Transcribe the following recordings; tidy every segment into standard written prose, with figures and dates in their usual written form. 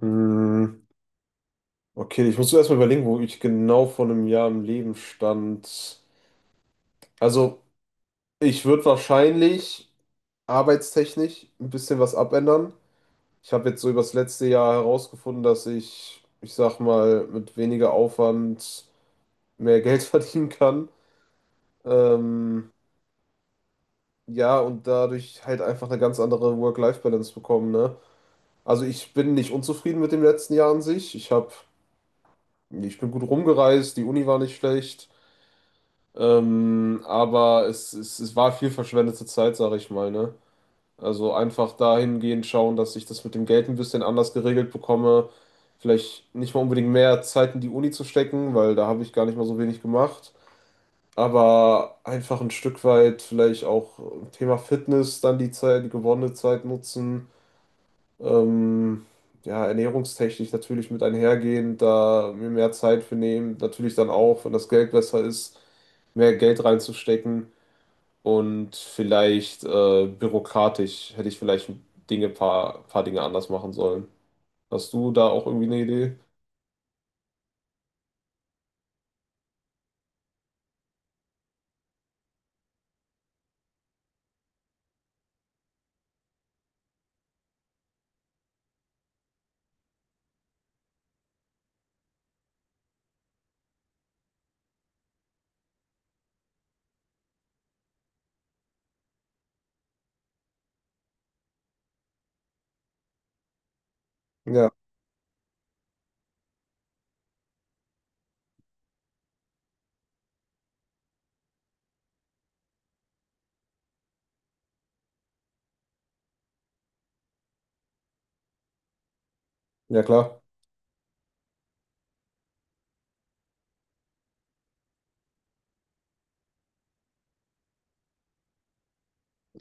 Mm, Okay, ich muss zuerst mal überlegen, wo ich genau vor einem Jahr im Leben stand. Also, ich würde wahrscheinlich arbeitstechnisch ein bisschen was abändern. Ich habe jetzt so über das letzte Jahr herausgefunden, dass ich sag mal, mit weniger Aufwand mehr Geld verdienen kann. Ähm, ja, und dadurch halt einfach eine ganz andere Work-Life-Balance bekommen, ne? Also ich bin nicht unzufrieden mit dem letzten Jahr an sich. Ich hab, ich bin gut rumgereist, die Uni war nicht schlecht. Aber es war viel verschwendete Zeit, sage ich mal, ne? Also einfach dahingehend schauen, dass ich das mit dem Geld ein bisschen anders geregelt bekomme. Vielleicht nicht mal unbedingt mehr Zeit in die Uni zu stecken, weil da habe ich gar nicht mal so wenig gemacht. Aber einfach ein Stück weit vielleicht auch Thema Fitness dann die Zeit, die gewonnene Zeit nutzen. Ähm, ja, ernährungstechnisch natürlich mit einhergehend, da mir mehr Zeit für nehmen. Natürlich dann auch, wenn das Geld besser ist, mehr Geld reinzustecken. Und vielleicht bürokratisch hätte ich vielleicht Dinge, paar Dinge anders machen sollen. Hast du da auch irgendwie eine Idee? Ja, ja klar.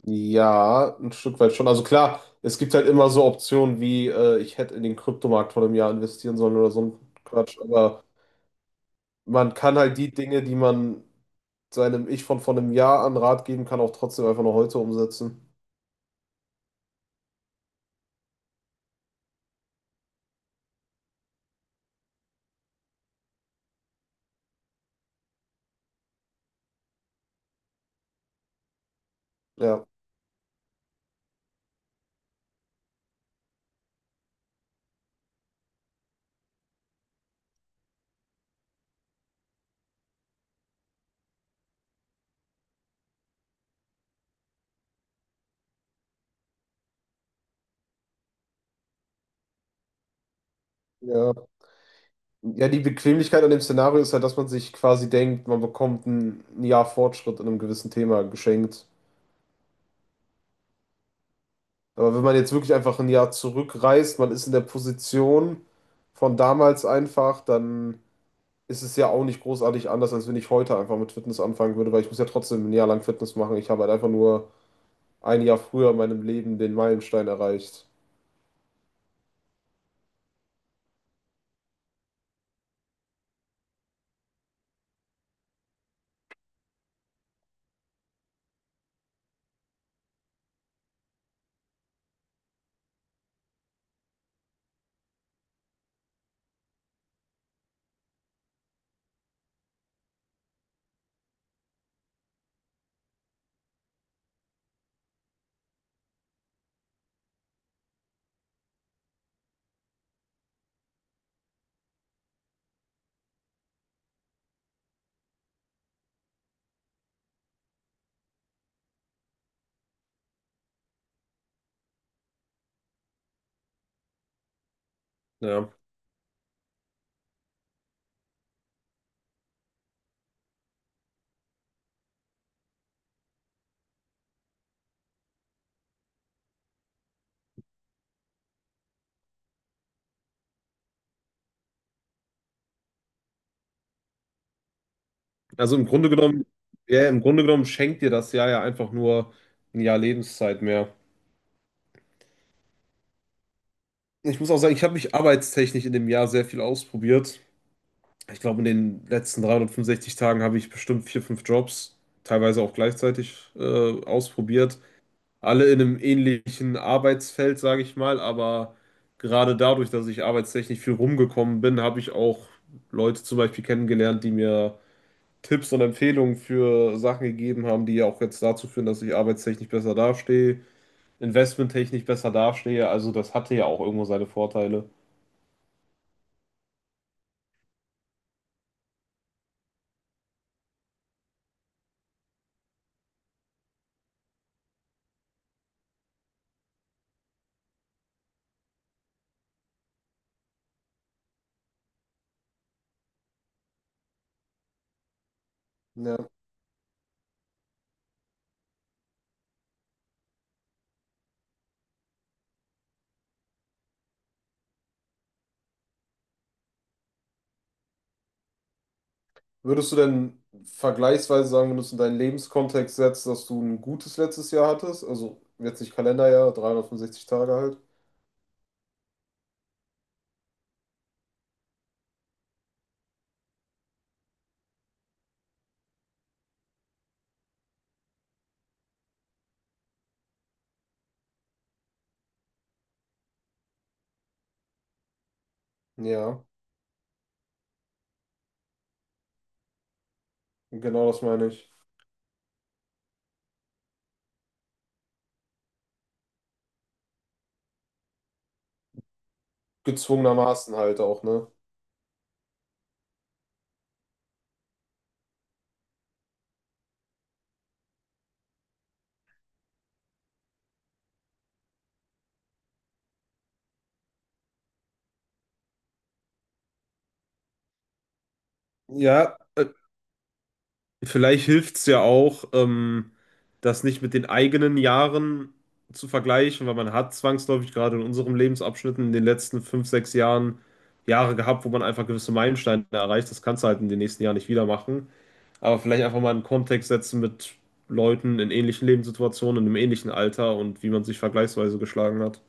Ja, ein Stück weit schon. Also klar, es gibt halt immer so Optionen wie, ich hätte in den Kryptomarkt vor einem Jahr investieren sollen oder so ein Quatsch. Aber man kann halt die Dinge, die man seinem Ich von vor einem Jahr an Rat geben kann, auch trotzdem einfach noch heute umsetzen. Ja. Ja. Ja, die Bequemlichkeit an dem Szenario ist halt, dass man sich quasi denkt, man bekommt ein Jahr Fortschritt in einem gewissen Thema geschenkt. Aber wenn man jetzt wirklich einfach ein Jahr zurückreist, man ist in der Position von damals einfach, dann ist es ja auch nicht großartig anders, als wenn ich heute einfach mit Fitness anfangen würde, weil ich muss ja trotzdem ein Jahr lang Fitness machen. Ich habe halt einfach nur ein Jahr früher in meinem Leben den Meilenstein erreicht. Ja, also im Grunde genommen, ja, im Grunde genommen schenkt dir das Jahr ja einfach nur ein Jahr Lebenszeit mehr. Ich muss auch sagen, ich habe mich arbeitstechnisch in dem Jahr sehr viel ausprobiert. Ich glaube, in den letzten 365 Tagen habe ich bestimmt vier, fünf Jobs, teilweise auch gleichzeitig, ausprobiert. Alle in einem ähnlichen Arbeitsfeld, sage ich mal, aber gerade dadurch, dass ich arbeitstechnisch viel rumgekommen bin, habe ich auch Leute zum Beispiel kennengelernt, die mir Tipps und Empfehlungen für Sachen gegeben haben, die ja auch jetzt dazu führen, dass ich arbeitstechnisch besser dastehe, investmenttechnisch besser dastehe. Also das hatte ja auch irgendwo seine Vorteile. Ja. Würdest du denn vergleichsweise sagen, wenn du es in deinen Lebenskontext setzt, dass du ein gutes letztes Jahr hattest? Also jetzt nicht Kalenderjahr, 365 Tage halt. Ja, genau das meine ich. Gezwungenermaßen halt auch, ne? Ja, äh, vielleicht hilft es ja auch, das nicht mit den eigenen Jahren zu vergleichen, weil man hat zwangsläufig gerade in unserem Lebensabschnitt in den letzten fünf, sechs Jahren Jahre gehabt, wo man einfach gewisse Meilensteine erreicht. Das kannst du halt in den nächsten Jahren nicht wieder machen. Aber vielleicht einfach mal einen Kontext setzen mit Leuten in ähnlichen Lebenssituationen, in einem ähnlichen Alter und wie man sich vergleichsweise geschlagen hat.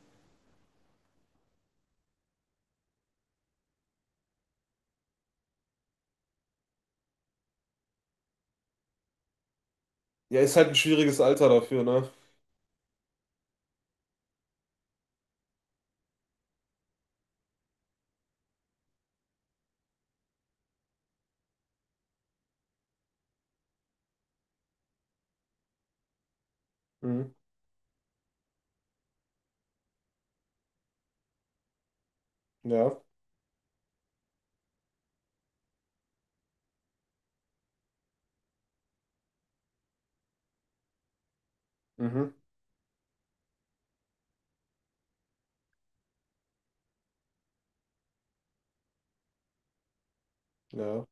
Ja, ist halt ein schwieriges Alter dafür, ne? Mhm. Ja, mhm. Ja,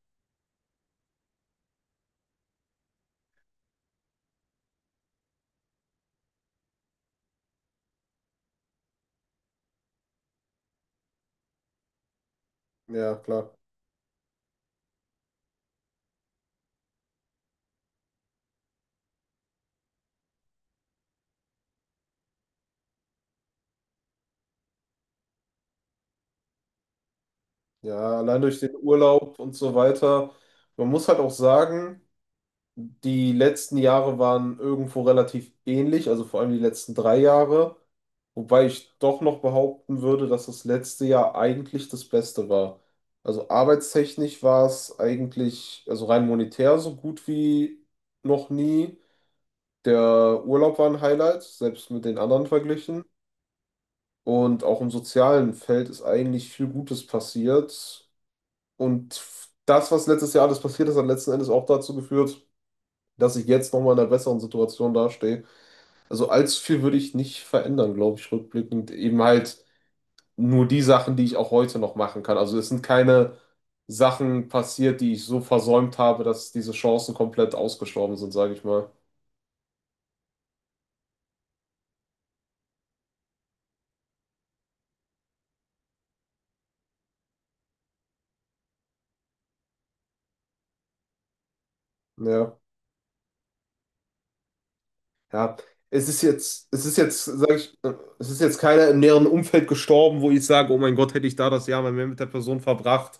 ja, klar. Ja, allein durch den Urlaub und so weiter. Man muss halt auch sagen, die letzten Jahre waren irgendwo relativ ähnlich, also vor allem die letzten drei Jahre, wobei ich doch noch behaupten würde, dass das letzte Jahr eigentlich das Beste war. Also arbeitstechnisch war es eigentlich, also rein monetär so gut wie noch nie. Der Urlaub war ein Highlight, selbst mit den anderen verglichen. Und auch im sozialen Feld ist eigentlich viel Gutes passiert. Und das, was letztes Jahr alles passiert ist, hat letzten Endes auch dazu geführt, dass ich jetzt nochmal in einer besseren Situation dastehe. Also allzu viel würde ich nicht verändern, glaube ich, rückblickend. Eben halt nur die Sachen, die ich auch heute noch machen kann. Also es sind keine Sachen passiert, die ich so versäumt habe, dass diese Chancen komplett ausgestorben sind, sage ich mal. Ja. Ja, es ist jetzt, sag ich, es ist jetzt keiner im näheren Umfeld gestorben, wo ich sage, oh mein Gott, hätte ich da das Jahr mal mehr mit der Person verbracht.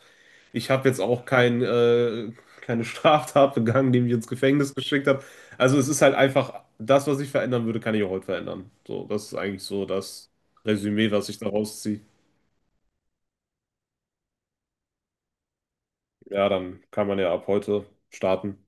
Ich habe jetzt auch keine Straftat begangen, die mich ins Gefängnis geschickt hat. Also es ist halt einfach, das, was ich verändern würde, kann ich auch heute verändern. So, das ist eigentlich so das Resümee, was ich daraus ziehe. Ja, dann kann man ja ab heute starten.